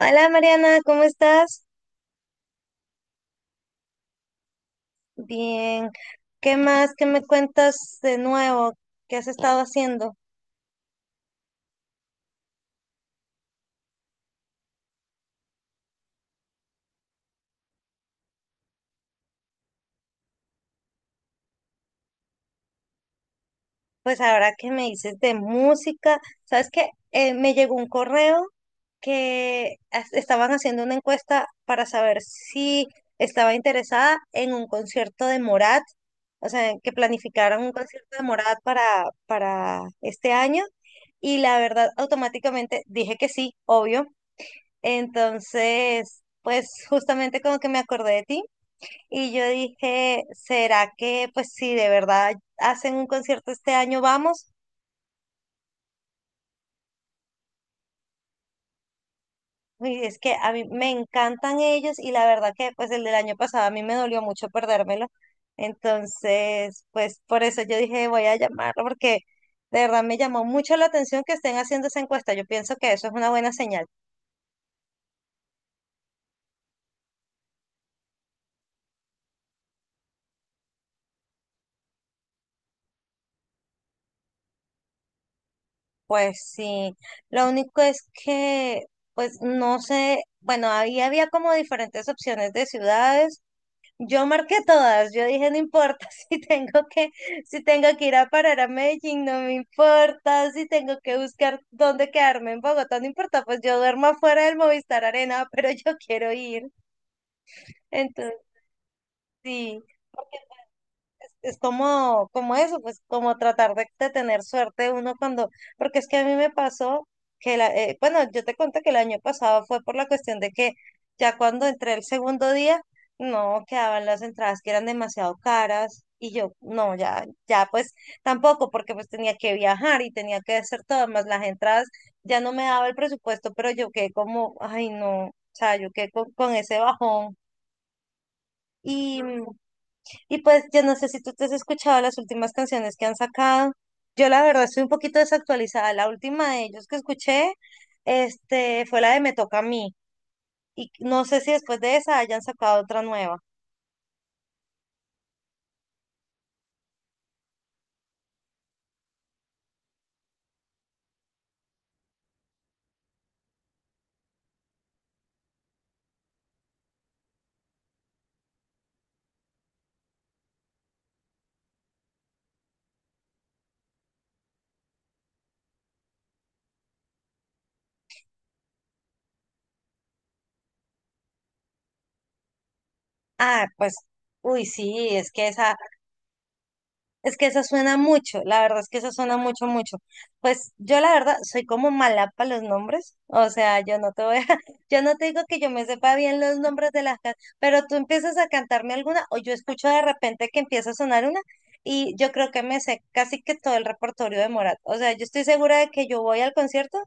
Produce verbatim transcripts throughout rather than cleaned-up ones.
Hola Mariana, ¿cómo estás? Bien. ¿Qué más? ¿Qué me cuentas de nuevo? ¿Qué has estado haciendo? Pues ahora que me dices de música, ¿sabes qué? Eh, me llegó un correo que as- estaban haciendo una encuesta para saber si estaba interesada en un concierto de Morat, o sea, que planificaran un concierto de Morat para, para este año. Y la verdad, automáticamente dije que sí, obvio. Entonces, pues justamente como que me acordé de ti y yo dije, ¿será que pues si de verdad hacen un concierto este año vamos? Y es que a mí me encantan ellos y la verdad que pues el del año pasado a mí me dolió mucho perdérmelo. Entonces, pues por eso yo dije, voy a llamarlo porque de verdad me llamó mucho la atención que estén haciendo esa encuesta. Yo pienso que eso es una buena señal. Pues sí, lo único es que, pues no sé, bueno, había, había como diferentes opciones de ciudades. Yo marqué todas, yo dije, no importa si tengo que, si tengo que ir a parar a Medellín, no me importa, si tengo que buscar dónde quedarme en Bogotá, no importa, pues yo duermo afuera del Movistar Arena, pero yo quiero ir. Entonces, sí. Es como, como eso, pues como tratar de, de tener suerte uno cuando, porque es que a mí me pasó que, la, eh, bueno, yo te conté que el año pasado fue por la cuestión de que ya cuando entré el segundo día, no quedaban las entradas que eran demasiado caras y yo, no, ya, ya pues tampoco, porque pues tenía que viajar y tenía que hacer todo, más las entradas ya no me daba el presupuesto, pero yo quedé como, ay no, o sea, yo quedé con, con ese bajón y... Y pues yo no sé si tú te has escuchado las últimas canciones que han sacado. Yo la verdad estoy un poquito desactualizada. La última de ellos que escuché, este, fue la de Me Toca a mí. Y no sé si después de esa hayan sacado otra nueva. Ah, pues, uy, sí, es que esa, es que esa suena mucho, la verdad es que esa suena mucho, mucho. Pues yo la verdad soy como mala para los nombres, o sea, yo no te voy a, yo no te digo que yo me sepa bien los nombres de las canciones, pero tú empiezas a cantarme alguna o yo escucho de repente que empieza a sonar una y yo creo que me sé casi que todo el repertorio de Morat. O sea, yo estoy segura de que yo voy al concierto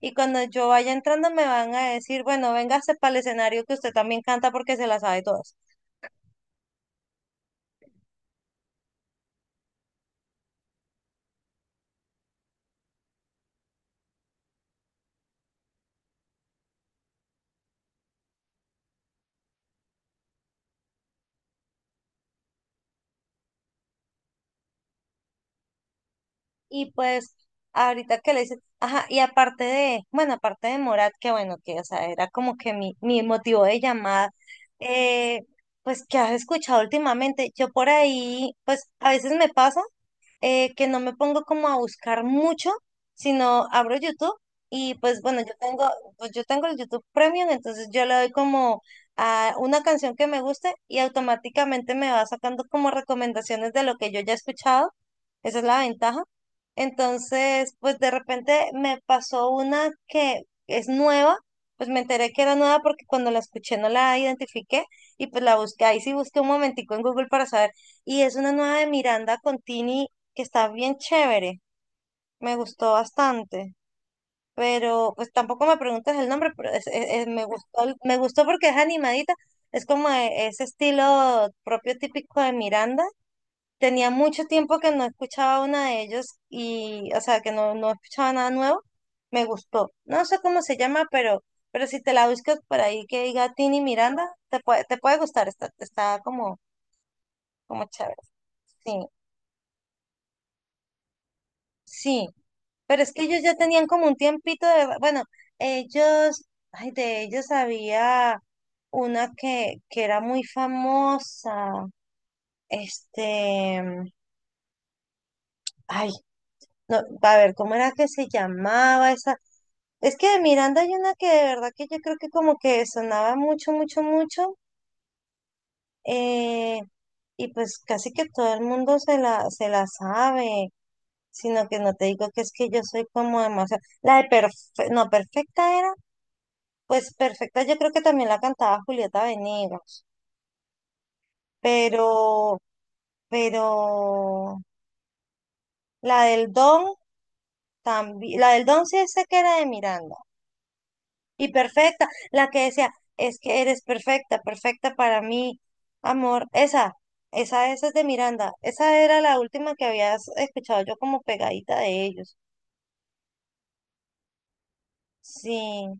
y cuando yo vaya entrando me van a decir, bueno, véngase para el escenario que usted también canta porque se la sabe todas. Y pues ahorita que le dices, ajá, y aparte de, bueno, aparte de Morat, que bueno, que o sea, era como que mi, mi motivo de llamada, eh, pues que has escuchado últimamente, yo por ahí, pues a veces me pasa eh, que no me pongo como a buscar mucho, sino abro YouTube y pues bueno, yo tengo, pues yo tengo el YouTube Premium, entonces yo le doy como a una canción que me guste y automáticamente me va sacando como recomendaciones de lo que yo ya he escuchado, esa es la ventaja. Entonces, pues de repente me pasó una que es nueva, pues me enteré que era nueva porque cuando la escuché no la identifiqué y pues la busqué, ahí sí busqué un momentico en Google para saber. Y es una nueva de Miranda Contini que está bien chévere, me gustó bastante. Pero pues tampoco me preguntas el nombre, pero es- es- es- me gustó, el- me gustó porque es animadita, es como e- ese estilo propio típico de Miranda. Tenía mucho tiempo que no escuchaba una de ellos y, o sea, que no, no escuchaba nada nuevo. Me gustó. No sé cómo se llama, pero, pero si te la buscas por ahí que diga Tini Miranda, te puede, te puede gustar. Está, está como, como chévere. Sí, sí. Pero es que ellos ya tenían como un tiempito de, bueno, ellos, ay, de ellos había una que, que era muy famosa. Este, ay, no, a ver, ¿cómo era que se llamaba esa? Es que de Miranda hay una que de verdad que yo creo que como que sonaba mucho, mucho, mucho, eh, y pues casi que todo el mundo se la, se la sabe, sino que no te digo que es que yo soy como demasiado, la de perfe no, perfecta era, pues perfecta yo creo que también la cantaba Julieta Venegas, pero, pero la del Don también, la del Don sí sé que era de Miranda. Y perfecta, la que decía, es que eres perfecta, perfecta para mí, amor. Esa, esa, esa es de Miranda. Esa era la última que habías escuchado yo como pegadita de ellos. Sí.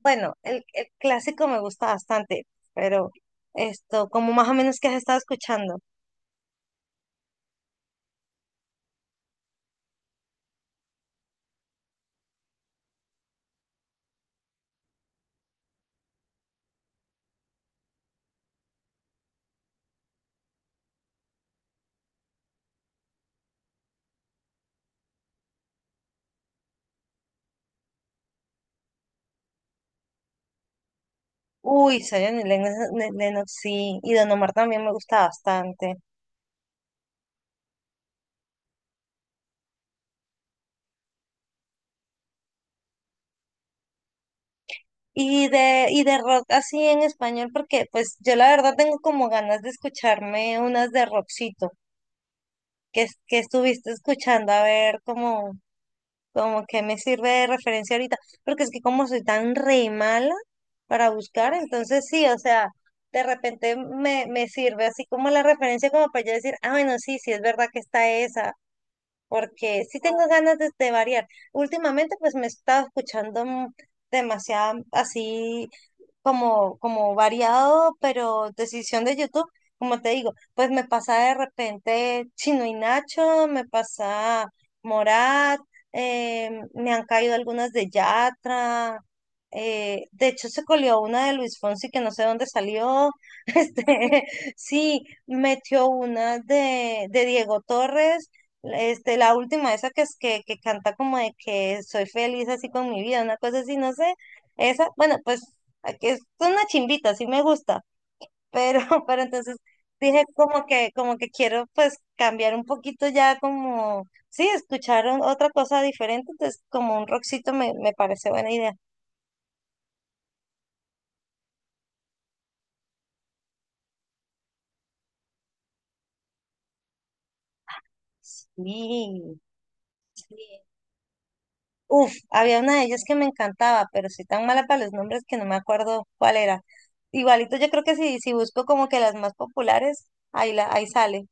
Bueno, el, el clásico me gusta bastante, pero esto, como más o menos que has estado escuchando. Uy, Zion y Lennox, Le- Lennox, sí. Y Don Omar también me gusta bastante. Y de, y de rock así en español, porque pues yo la verdad tengo como ganas de escucharme unas de rockcito. Que, es- que estuviste escuchando, a ver cómo, como que me sirve de referencia ahorita, porque es que como soy tan re mala para buscar, entonces sí, o sea, de repente me, me sirve así como la referencia como para yo decir, ah, bueno, sí, sí, es verdad que está esa, porque sí tengo ganas de, de variar. Últimamente pues me he estado escuchando mm, demasiado así como, como variado, pero decisión de YouTube, como te digo, pues me pasa de repente Chino y Nacho, me pasa Morat, eh, me han caído algunas de Yatra, eh, de hecho se colió una de Luis Fonsi que no sé dónde salió, este, sí, metió una de, de Diego Torres. Este, la última, esa que es que, que canta como de que soy feliz así con mi vida, una cosa así, no sé. Esa, bueno, pues a que es una chimbita, sí me gusta, pero, pero entonces dije como que, como que quiero pues cambiar un poquito ya como, sí, escuchar un- otra cosa diferente, entonces como un rockcito me, me parece buena idea. Sí, sí. Uf, había una de ellas que me encantaba, pero soy tan mala para los nombres que no me acuerdo cuál era. Igualito yo creo que si, si busco como que las más populares, ahí la, ahí sale.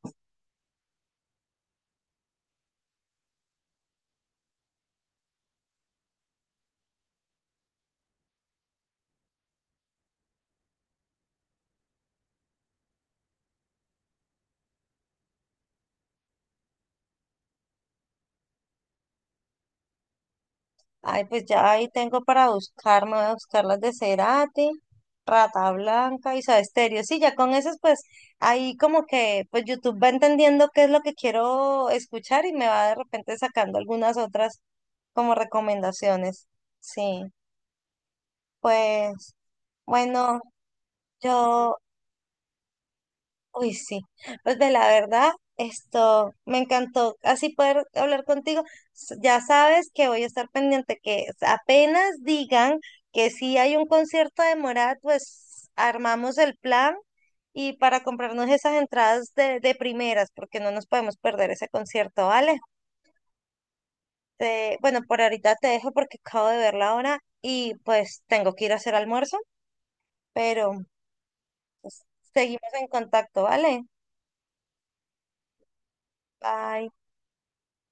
Ay, pues ya ahí tengo para buscar, me voy a buscar las de Cerati, Rata Blanca y Soda Stereo. Sí, ya con esas, pues ahí como que pues YouTube va entendiendo qué es lo que quiero escuchar y me va de repente sacando algunas otras como recomendaciones. Sí, pues bueno, yo uy, sí. Pues de la verdad, esto me encantó así poder hablar contigo. S- Ya sabes que voy a estar pendiente que apenas digan que si hay un concierto de Morat, pues armamos el plan y para comprarnos esas entradas de, de primeras, porque no nos podemos perder ese concierto, ¿vale? Te- bueno, por ahorita te dejo porque acabo de ver la hora y pues tengo que ir a hacer almuerzo, pero seguimos en contacto, ¿vale? Bye.